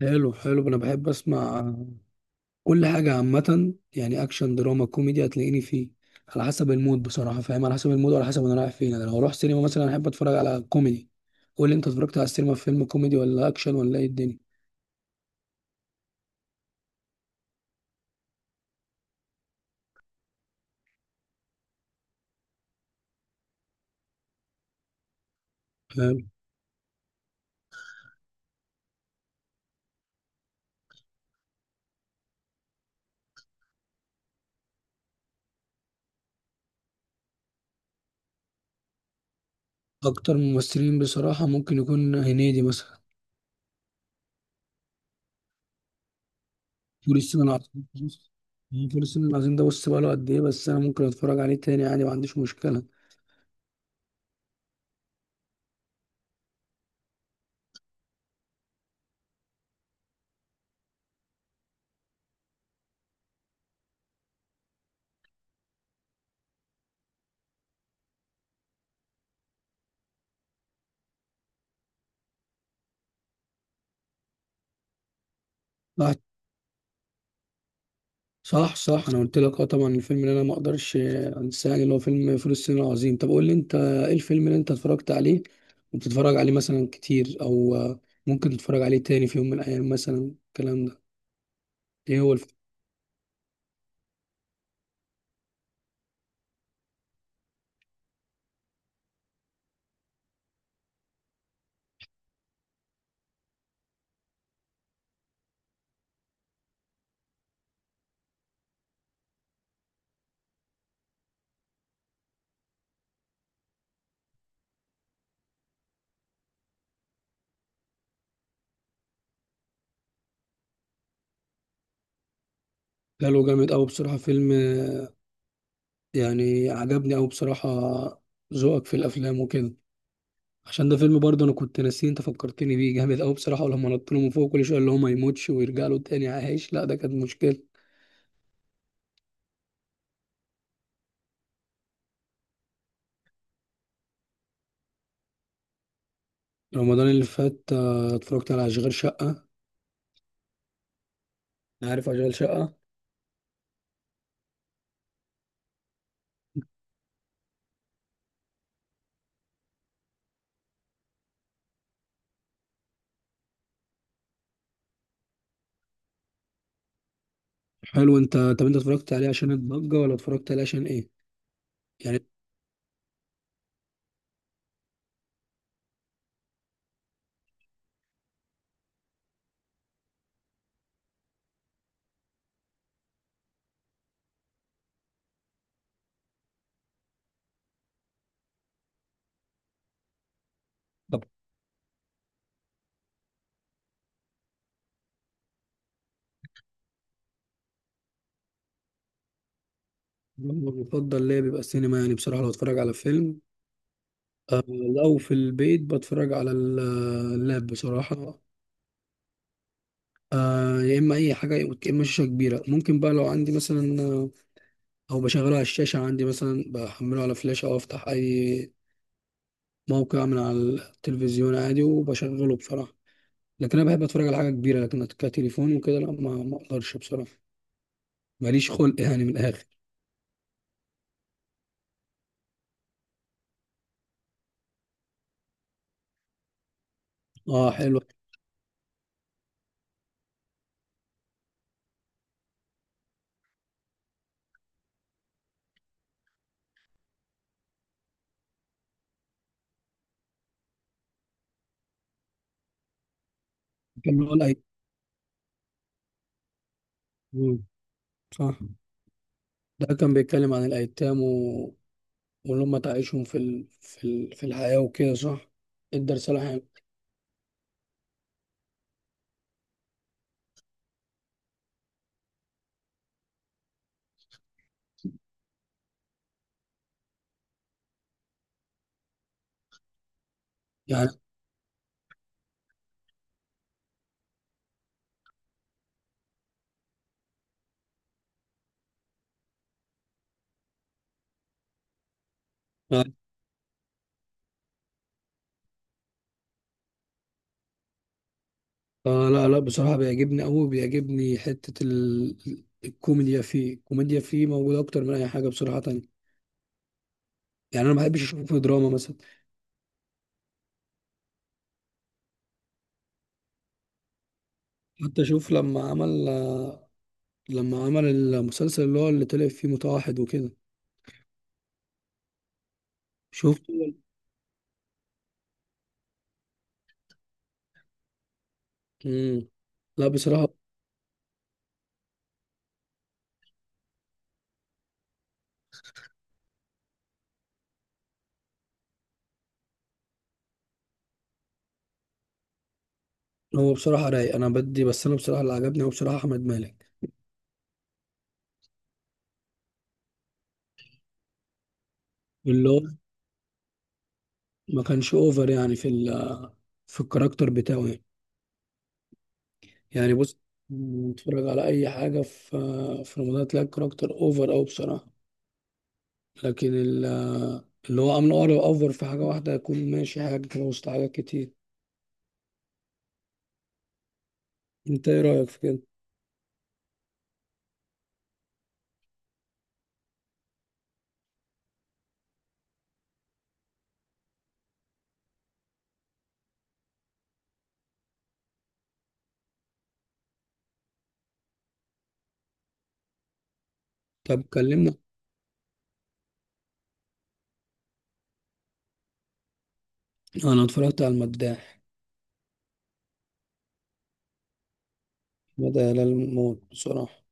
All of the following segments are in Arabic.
حلو حلو. انا بحب اسمع كل حاجه عامه، يعني اكشن دراما كوميدي هتلاقيني فيه. على حسب المود بصراحه. فاهم؟ على حسب المود وعلى حسب انا رايح فين. انا لو اروح سينما مثلا احب اتفرج على كوميدي. قول لي انت، اتفرجت على السينما في فيلم كوميدي ولا اكشن ولا ايه الدنيا؟ حلو. اكتر ممثلين بصراحه ممكن يكون هنيدي مثلا. فول الصين العظيم، بص، فول الصين العظيم ده بص بقاله قد ايه، بس انا ممكن اتفرج عليه تاني، يعني ما عنديش مشكله. واحد، صح صح. انا قلت لك اه، طبعا الفيلم اللي انا ما اقدرش انساه يعني اللي هو فيلم فول الصين العظيم. طب قول لي انت ايه الفيلم اللي انت اتفرجت عليه وبتتفرج عليه مثلا كتير؟ او ممكن تتفرج عليه تاني في يوم من الايام مثلا، الكلام ده. ايه هو الفيلم؟ ده له جامد قوي بصراحة، فيلم يعني عجبني قوي بصراحة. ذوقك في الافلام وكده، عشان ده فيلم برضه انا كنت ناسيه. انت فكرتني بيه جامد قوي بصراحة. ولما نط له من فوق كل شوية، اللي هو ما يموتش ويرجع له تاني عايش، لا ده كانت مشكلة. رمضان اللي فات اتفرجت على اشغال شقة. عارف اشغال شقه؟ حلو. انت طب انت اتفرجت عليه عشان الضجه، ولا اتفرجت عليه عشان ايه يعني؟ طب المفضل ليا بيبقى السينما يعني بصراحه. لو اتفرج على فيلم آه، لو في البيت بتفرج على اللاب بصراحه. آه، يا اما اي حاجه، يا اما شاشه كبيره ممكن بقى لو عندي مثلا، او بشغله على الشاشه عندي مثلا، بحمله على فلاش او افتح اي موقع من على التلفزيون عادي وبشغله بصراحه. لكن انا بحب اتفرج على حاجه كبيره، لكن كتليفون وكده لا، ما اقدرش بصراحه. ماليش خلق يعني من الاخر. اه حلو. كان بيقول مم، صح. ده كان بيتكلم عن الأيتام و واللي هم تعيشهم في الحياة وكده، صح. ادى رسالة حلوة يعني. آه، لا بصراحة بيعجبني أوي. بيعجبني حتة الكوميديا فيه. الكوميديا فيه موجودة أكتر من أي حاجة بصراحة تانية، يعني أنا ما بحبش أشوفه في دراما مثلا. حتى أشوف لما عمل لما عمل المسلسل اللي هو اللي طلع فيه متوحد وكده. شفت؟ مم. لا بصراحة، هو بصراحة رايق. أنا بدي بس، أنا بصراحة اللي عجبني هو بصراحة أحمد مالك. اللي هو ما كانش أوفر يعني في ال في الكاركتر بتاعه يعني. يعني بص، نتفرج على أي حاجة في في رمضان تلاقي الكاركتر أوفر أوي بصراحة. لكن اللي هو عامله أوفر. أوفر في حاجة واحدة يكون ماشي، حاجة كده وسط حاجات كتير. أنت إيه رأيك في كده؟ طب كلمنا. أنا اتفرجت على المداح. بدأ هلال موت بصراحة.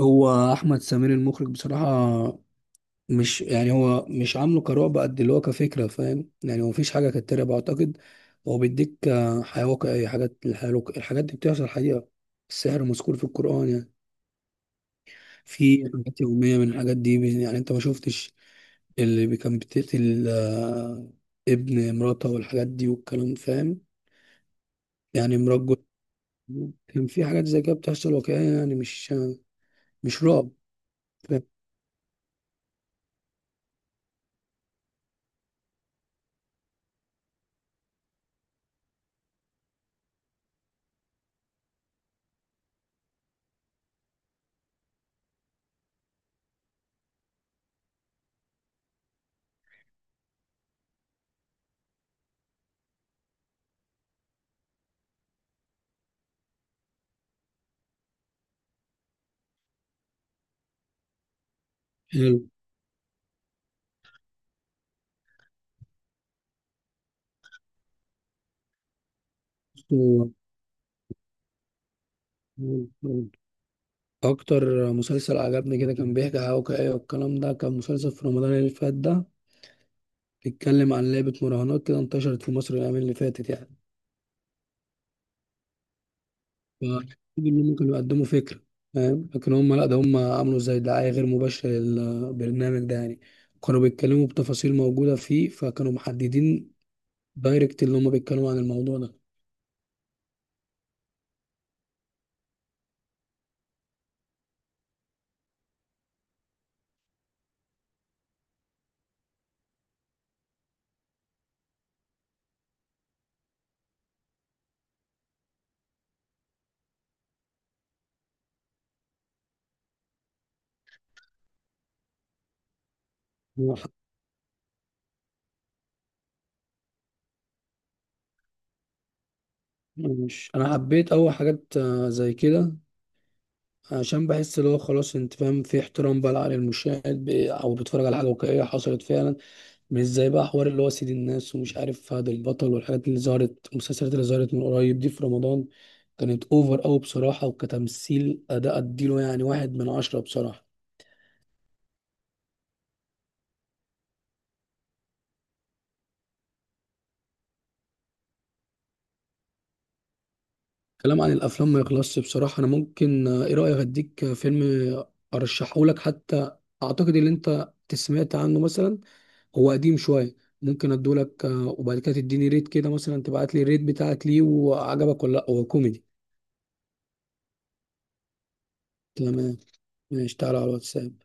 هو أحمد سمير المخرج بصراحة، مش يعني هو مش عامله كرعب قد اللي هو كفكرة، فاهم؟ يعني هو مفيش حاجة كانت ترعب أعتقد. هو بيديك حياة واقعية. حاجات الحياة الحاجات دي بتحصل حقيقة. السحر مذكور في القرآن يعني. في حاجات يومية من الحاجات دي يعني أنت ما شفتش اللي كان بتقتل ابن مراته والحاجات دي والكلام، فاهم؟ يعني كان في حاجات زي كده بتحصل واقعية، يعني مش مش رعب. فاهم؟ حلو. اكتر مسلسل عجبني كده كان بيحكي عن واقعية والكلام ده، كان مسلسل في رمضان اللي فات ده، بيتكلم عن لعبة مراهنات كده انتشرت في مصر الايام اللي فاتت يعني. فالمفروض انهم كانوا يقدموا فكرة، فاهم؟ لكن هم لا، ده هم عملوا زي دعاية غير مباشرة للبرنامج ده يعني. كانوا بيتكلموا بتفاصيل موجودة فيه، فكانوا محددين دايركت اللي هم بيتكلموا عن الموضوع ده. مش انا حبيت اول حاجات زي كده، عشان بحس اللي هو خلاص، انت فاهم، في احترام بقى على المشاهد او بيتفرج على حاجه واقعيه حصلت فعلا. مش زي بقى حوار اللي هو سيد الناس ومش عارف فهد البطل والحاجات اللي ظهرت، المسلسلات اللي ظهرت من قريب دي في رمضان، كانت اوفر قوي بصراحه. وكتمثيل اداء اديله يعني 1 من 10 بصراحه. كلام عن الافلام ما يخلصش بصراحه. انا ممكن ايه رايك اديك فيلم ارشحه لك حتى؟ اعتقد ان انت سمعت عنه مثلا. هو قديم شويه. ممكن ادولك وبعد كده تديني ريت كده مثلا، تبعت لي الريت بتاعك ليه وعجبك ولا لا. هو كوميدي. تمام، ماشي، تعالى على الواتساب.